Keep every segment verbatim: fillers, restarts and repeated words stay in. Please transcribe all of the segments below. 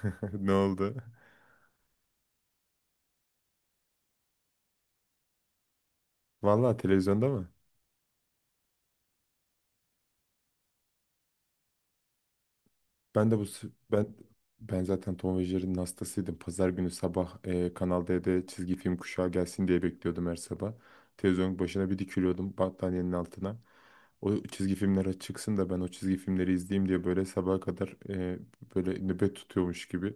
Ne oldu? Vallahi televizyonda mı? Ben de bu s- ben ben zaten Tom ve Jerry'nin hastasıydım. Pazar günü sabah e, Kanal D'de çizgi film kuşağı gelsin diye bekliyordum her sabah. Televizyonun başına bir dikiliyordum battaniyenin altına. O çizgi filmler çıksın da ben o çizgi filmleri izleyeyim diye böyle sabaha kadar e, böyle nöbet tutuyormuş gibi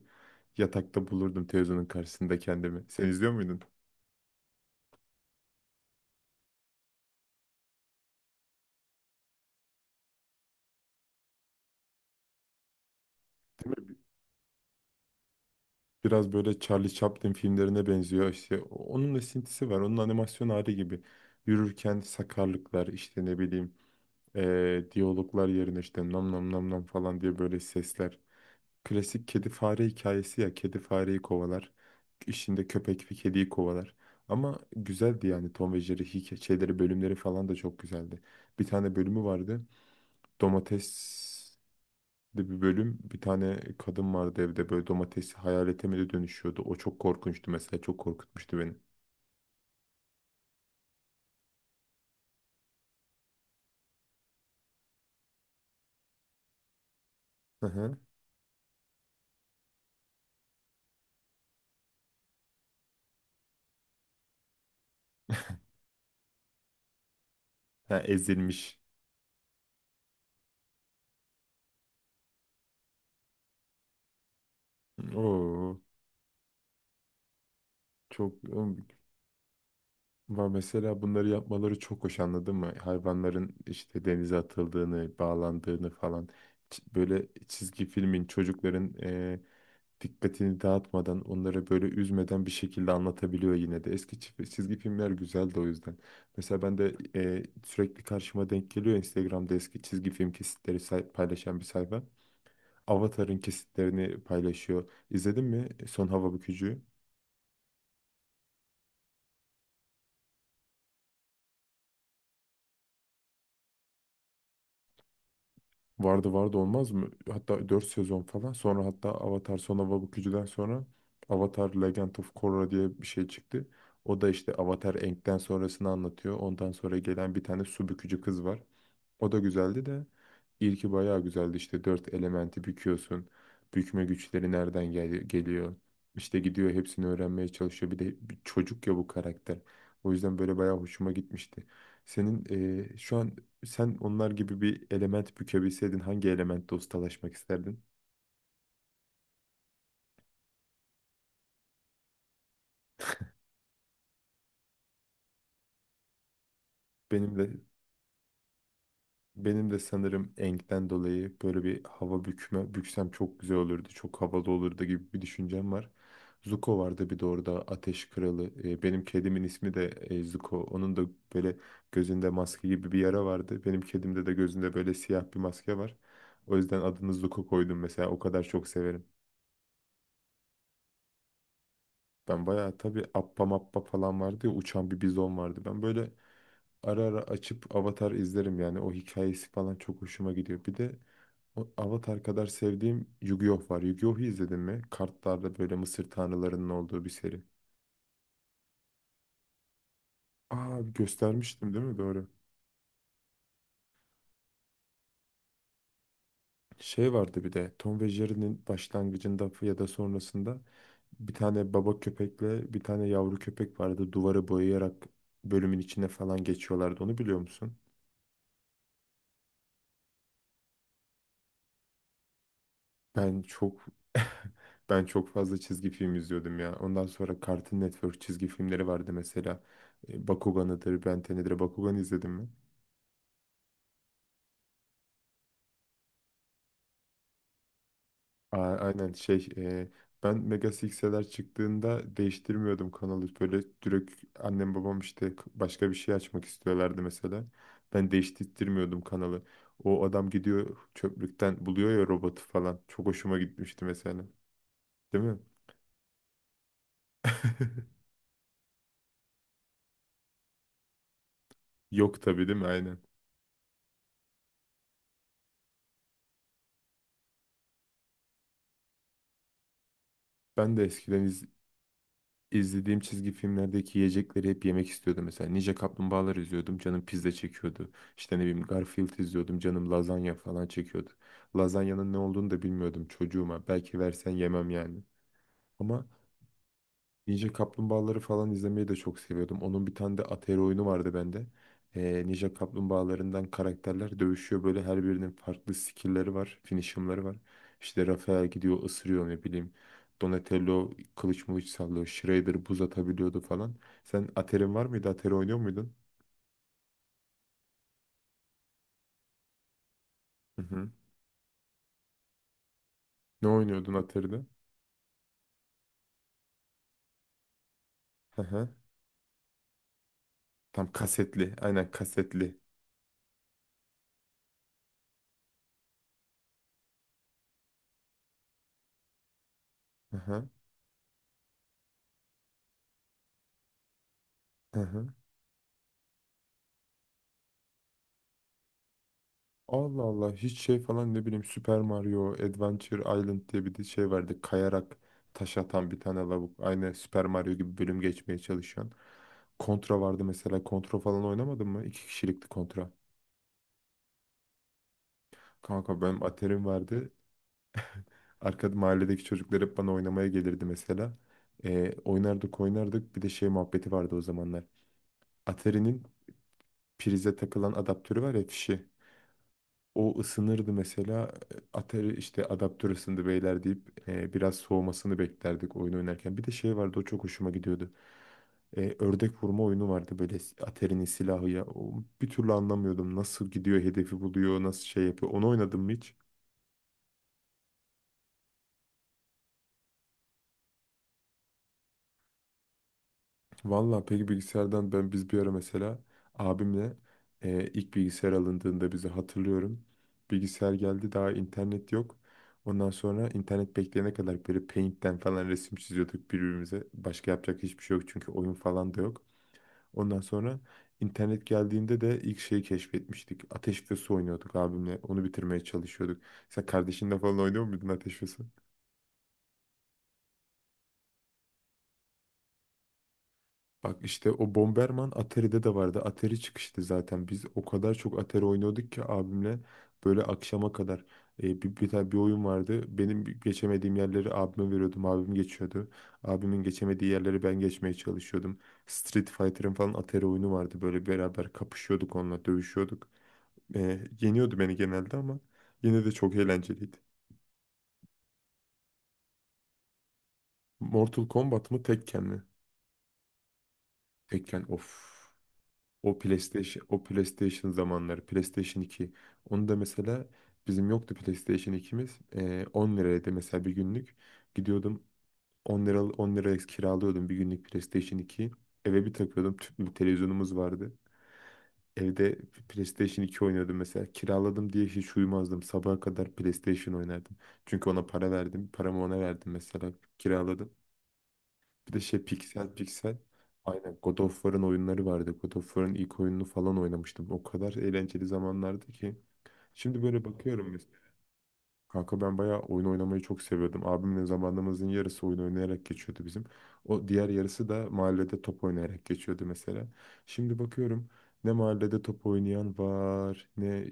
yatakta bulurdum televizyonun karşısında kendimi. Sen izliyor muydun? Biraz böyle Charlie Chaplin filmlerine benziyor. İşte onun esintisi var. Onun animasyon hali gibi. Yürürken sakarlıklar işte ne bileyim eee, diyaloglar yerine işte nam nam nam nam falan diye böyle sesler. Klasik kedi fare hikayesi ya. Kedi fareyi kovalar. İşinde köpek bir kediyi kovalar. Ama güzeldi yani Tom ve Jerry hikayeleri bölümleri falan da çok güzeldi. Bir tane bölümü vardı. Domates de bir bölüm bir tane kadın vardı evde böyle domatesi hayalete mi de dönüşüyordu. O çok korkunçtu mesela çok korkutmuştu beni. Hı hı. Ha, ezilmiş. Oo, çok var mesela bunları yapmaları çok hoş anladın mı? Hayvanların işte denize atıldığını, bağlandığını falan. Ç- böyle çizgi filmin çocukların dikkatini dağıtmadan, onları böyle üzmeden bir şekilde anlatabiliyor yine de. Eski çi- çizgi filmler güzeldi o yüzden. Mesela ben de e, sürekli karşıma denk geliyor Instagram'da eski çizgi film kesitleri say- paylaşan bir sayfa. Avatar'ın kesitlerini paylaşıyor. İzledin mi Son Hava Bükücü'yü? Vardı vardı olmaz mı? Hatta dört sezon falan. Sonra hatta Avatar Son Hava Bükücü'den sonra Avatar Legend of Korra diye bir şey çıktı. O da işte Avatar Aang'den sonrasını anlatıyor. Ondan sonra gelen bir tane su bükücü kız var. O da güzeldi de ilki bayağı güzeldi işte dört elementi büküyorsun. Bükme güçleri nereden gel- geliyor? İşte gidiyor hepsini öğrenmeye çalışıyor. Bir de bir çocuk ya bu karakter. O yüzden böyle bayağı hoşuma gitmişti. Senin eee, şu an sen onlar gibi bir element bükebilseydin hangi elementte ustalaşmak isterdin? Benim de Benim de sanırım enkten dolayı böyle bir hava bükme, büksem çok güzel olurdu, çok havalı olurdu gibi bir düşüncem var. Zuko vardı bir de orada Ateş Kralı. Ee, benim kedimin ismi de e, Zuko. Onun da böyle gözünde maske gibi bir yara vardı. Benim kedimde de gözünde böyle siyah bir maske var. O yüzden adını Zuko koydum mesela. O kadar çok severim. Ben bayağı tabii Appa Mappa falan vardı ya uçan bir bizon vardı. Ben böyle ara ara açıp Avatar izlerim yani. O hikayesi falan çok hoşuma gidiyor. Bir de o Avatar kadar sevdiğim Yu-Gi-Oh var. Yu-Gi-Oh'u izledin mi? Kartlarda böyle Mısır tanrılarının olduğu bir seri. Aa göstermiştim değil mi? Doğru. Şey vardı bir de Tom ve Jerry'nin başlangıcında ya da sonrasında bir tane baba köpekle bir tane yavru köpek vardı. Duvarı boyayarak bölümün içine falan geçiyorlardı. Onu biliyor musun? Ben çok ben çok fazla çizgi film izliyordum ya. Ondan sonra Cartoon Network çizgi filmleri vardı mesela. E, Bakugan'ıdır, Ben on'udur. Bakugan izledin mi? A- Aynen şey e, ben Mega Six'ler çıktığında değiştirmiyordum kanalı böyle direkt annem babam işte k- başka bir şey açmak istiyorlardı mesela ben değiştirmiyordum kanalı. O adam gidiyor çöplükten buluyor ya robotu falan çok hoşuma gitmişti mesela, değil mi? Yok tabii değil mi, aynen. Ben de eskiden İzlediğim çizgi filmlerdeki yiyecekleri hep yemek istiyordum. Mesela Ninja Kaplumbağalar izliyordum, canım pizza çekiyordu. İşte ne bileyim Garfield izliyordum, canım lazanya falan çekiyordu. Lazanyanın ne olduğunu da bilmiyordum çocuğuma. Belki versen yemem yani. Ama Ninja Kaplumbağaları falan izlemeyi de çok seviyordum. Onun bir tane de Atari oyunu vardı bende. Ee, Ninja Kaplumbağalarından karakterler dövüşüyor. Böyle her birinin farklı skill'leri var, finisher'ları var. İşte Rafael gidiyor ısırıyor ne bileyim. Donatello kılıç mılıç sallıyor. Shredder buz atabiliyordu falan. Sen Atari'nin var mıydı? Atari oynuyor muydun? Hı hı. Ne oynuyordun Atari'de? Hı hı. Tam kasetli. Aynen kasetli. Hı hı. Hı hı. Allah Allah hiç şey falan ne bileyim Super Mario Adventure Island diye bir de şey vardı. Kayarak taş atan bir tane lavuk. Aynı Super Mario gibi bölüm geçmeye çalışıyorsun. Kontra vardı mesela. Kontra falan oynamadın mı? İki kişilikti kontra. Kanka benim Atari'm vardı. Arkada mahalledeki çocuklar hep bana oynamaya gelirdi mesela. Ee, oynardık oynardık. Bir de şey muhabbeti vardı o zamanlar. Atari'nin prize takılan adaptörü var ya fişi. O ısınırdı mesela. e, Atari işte adaptör ısındı beyler deyip e, biraz soğumasını beklerdik oyun oynarken. Bir de şey vardı o çok hoşuma gidiyordu. E, ördek vurma oyunu vardı böyle s- Atari'nin silahı ya. O, bir türlü anlamıyordum nasıl gidiyor hedefi buluyor nasıl şey yapıyor. Onu oynadım mı hiç? Vallahi peki bilgisayardan ben biz bir ara mesela abimle e, ilk bilgisayar alındığında bizi hatırlıyorum. Bilgisayar geldi daha internet yok. Ondan sonra internet bekleyene kadar böyle Paint'ten falan resim çiziyorduk birbirimize. Başka yapacak hiçbir şey yok çünkü oyun falan da yok. Ondan sonra internet geldiğinde de ilk şeyi keşfetmiştik. Ateş ve su oynuyorduk abimle. Onu bitirmeye çalışıyorduk. Sen kardeşinle falan oynuyor muydun Ateş ve su? Bak işte o Bomberman Atari'de de vardı. Atari çıkıştı zaten. Biz o kadar çok Atari oynuyorduk ki abimle böyle akşama kadar. E, bir, bir tane bir oyun vardı. Benim geçemediğim yerleri abime veriyordum. Abim geçiyordu. Abimin geçemediği yerleri ben geçmeye çalışıyordum. Street Fighter'ın falan Atari oyunu vardı. Böyle beraber kapışıyorduk onunla, dövüşüyorduk. E, Yeniyordu beni genelde ama yine de çok eğlenceliydi. Mortal Kombat mı Tekken mi? Tekken of. O PlayStation, o PlayStation zamanları, PlayStation iki. Onu da mesela bizim yoktu PlayStation ikimiz. Ee, on liraydı mesela bir günlük. Gidiyordum on lira on liraya kiralıyordum bir günlük PlayStation ikiyi. Eve bir takıyordum. Tüplü bir televizyonumuz vardı. Evde PlayStation iki oynuyordum mesela. Kiraladım diye hiç uyumazdım. Sabaha kadar PlayStation oynardım. Çünkü ona para verdim. Paramı ona verdim mesela. Kiraladım. Bir de şey piksel piksel. Aynen God of War'ın oyunları vardı. God of War'ın ilk oyununu falan oynamıştım. O kadar eğlenceli zamanlardı ki. Şimdi böyle bakıyorum. Kanka ben bayağı oyun oynamayı çok seviyordum. Abimle zamanımızın yarısı oyun oynayarak geçiyordu bizim. O diğer yarısı da mahallede top oynayarak geçiyordu mesela. Şimdi bakıyorum ne mahallede top oynayan var ne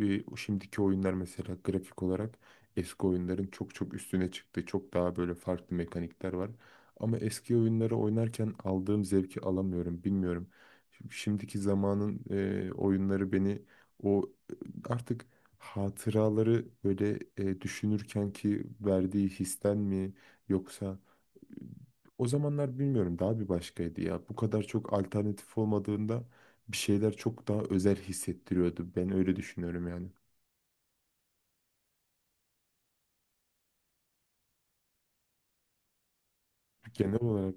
e, şimdiki oyunlar mesela grafik olarak eski oyunların çok çok üstüne çıktı. Çok daha böyle farklı mekanikler var. Ama eski oyunları oynarken aldığım zevki alamıyorum bilmiyorum. Şimdiki zamanın e, oyunları beni o e, artık hatıraları böyle e, düşünürken ki verdiği histen mi yoksa e, o zamanlar bilmiyorum daha bir başkaydı ya. Bu kadar çok alternatif olmadığında bir şeyler çok daha özel hissettiriyordu. Ben öyle düşünüyorum yani. Genel olarak.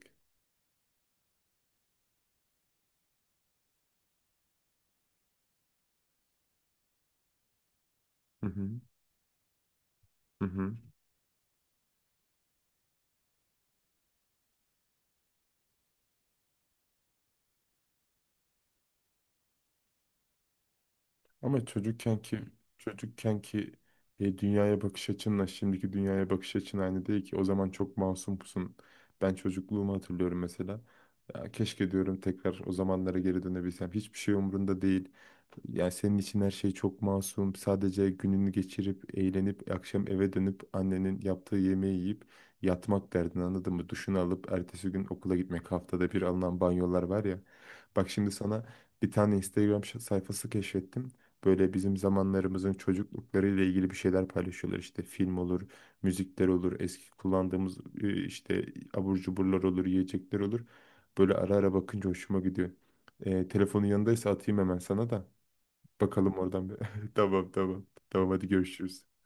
Hı hı. Hı hı. Ama çocukkenki çocukkenki e, dünyaya bakış açınla şimdiki dünyaya bakış açın aynı değil ki. O zaman çok masum pusun. Ben çocukluğumu hatırlıyorum mesela. Ya, keşke diyorum tekrar o zamanlara geri dönebilsem. Hiçbir şey umurunda değil. Yani senin için her şey çok masum. Sadece gününü geçirip, eğlenip, akşam eve dönüp annenin yaptığı yemeği yiyip yatmak derdin anladın mı? Duşunu alıp ertesi gün okula gitmek. Haftada bir alınan banyolar var ya. Bak şimdi sana bir tane Instagram şa- sayfası keşfettim. Böyle bizim zamanlarımızın çocukluklarıyla ilgili bir şeyler paylaşıyorlar. İşte film olur, müzikler olur, eski kullandığımız e, işte abur cuburlar olur, yiyecekler olur. Böyle ara ara bakınca hoşuma gidiyor. E, telefonun yanındaysa atayım hemen sana da. Bakalım oradan bir. Tamam tamam. Tamam hadi görüşürüz.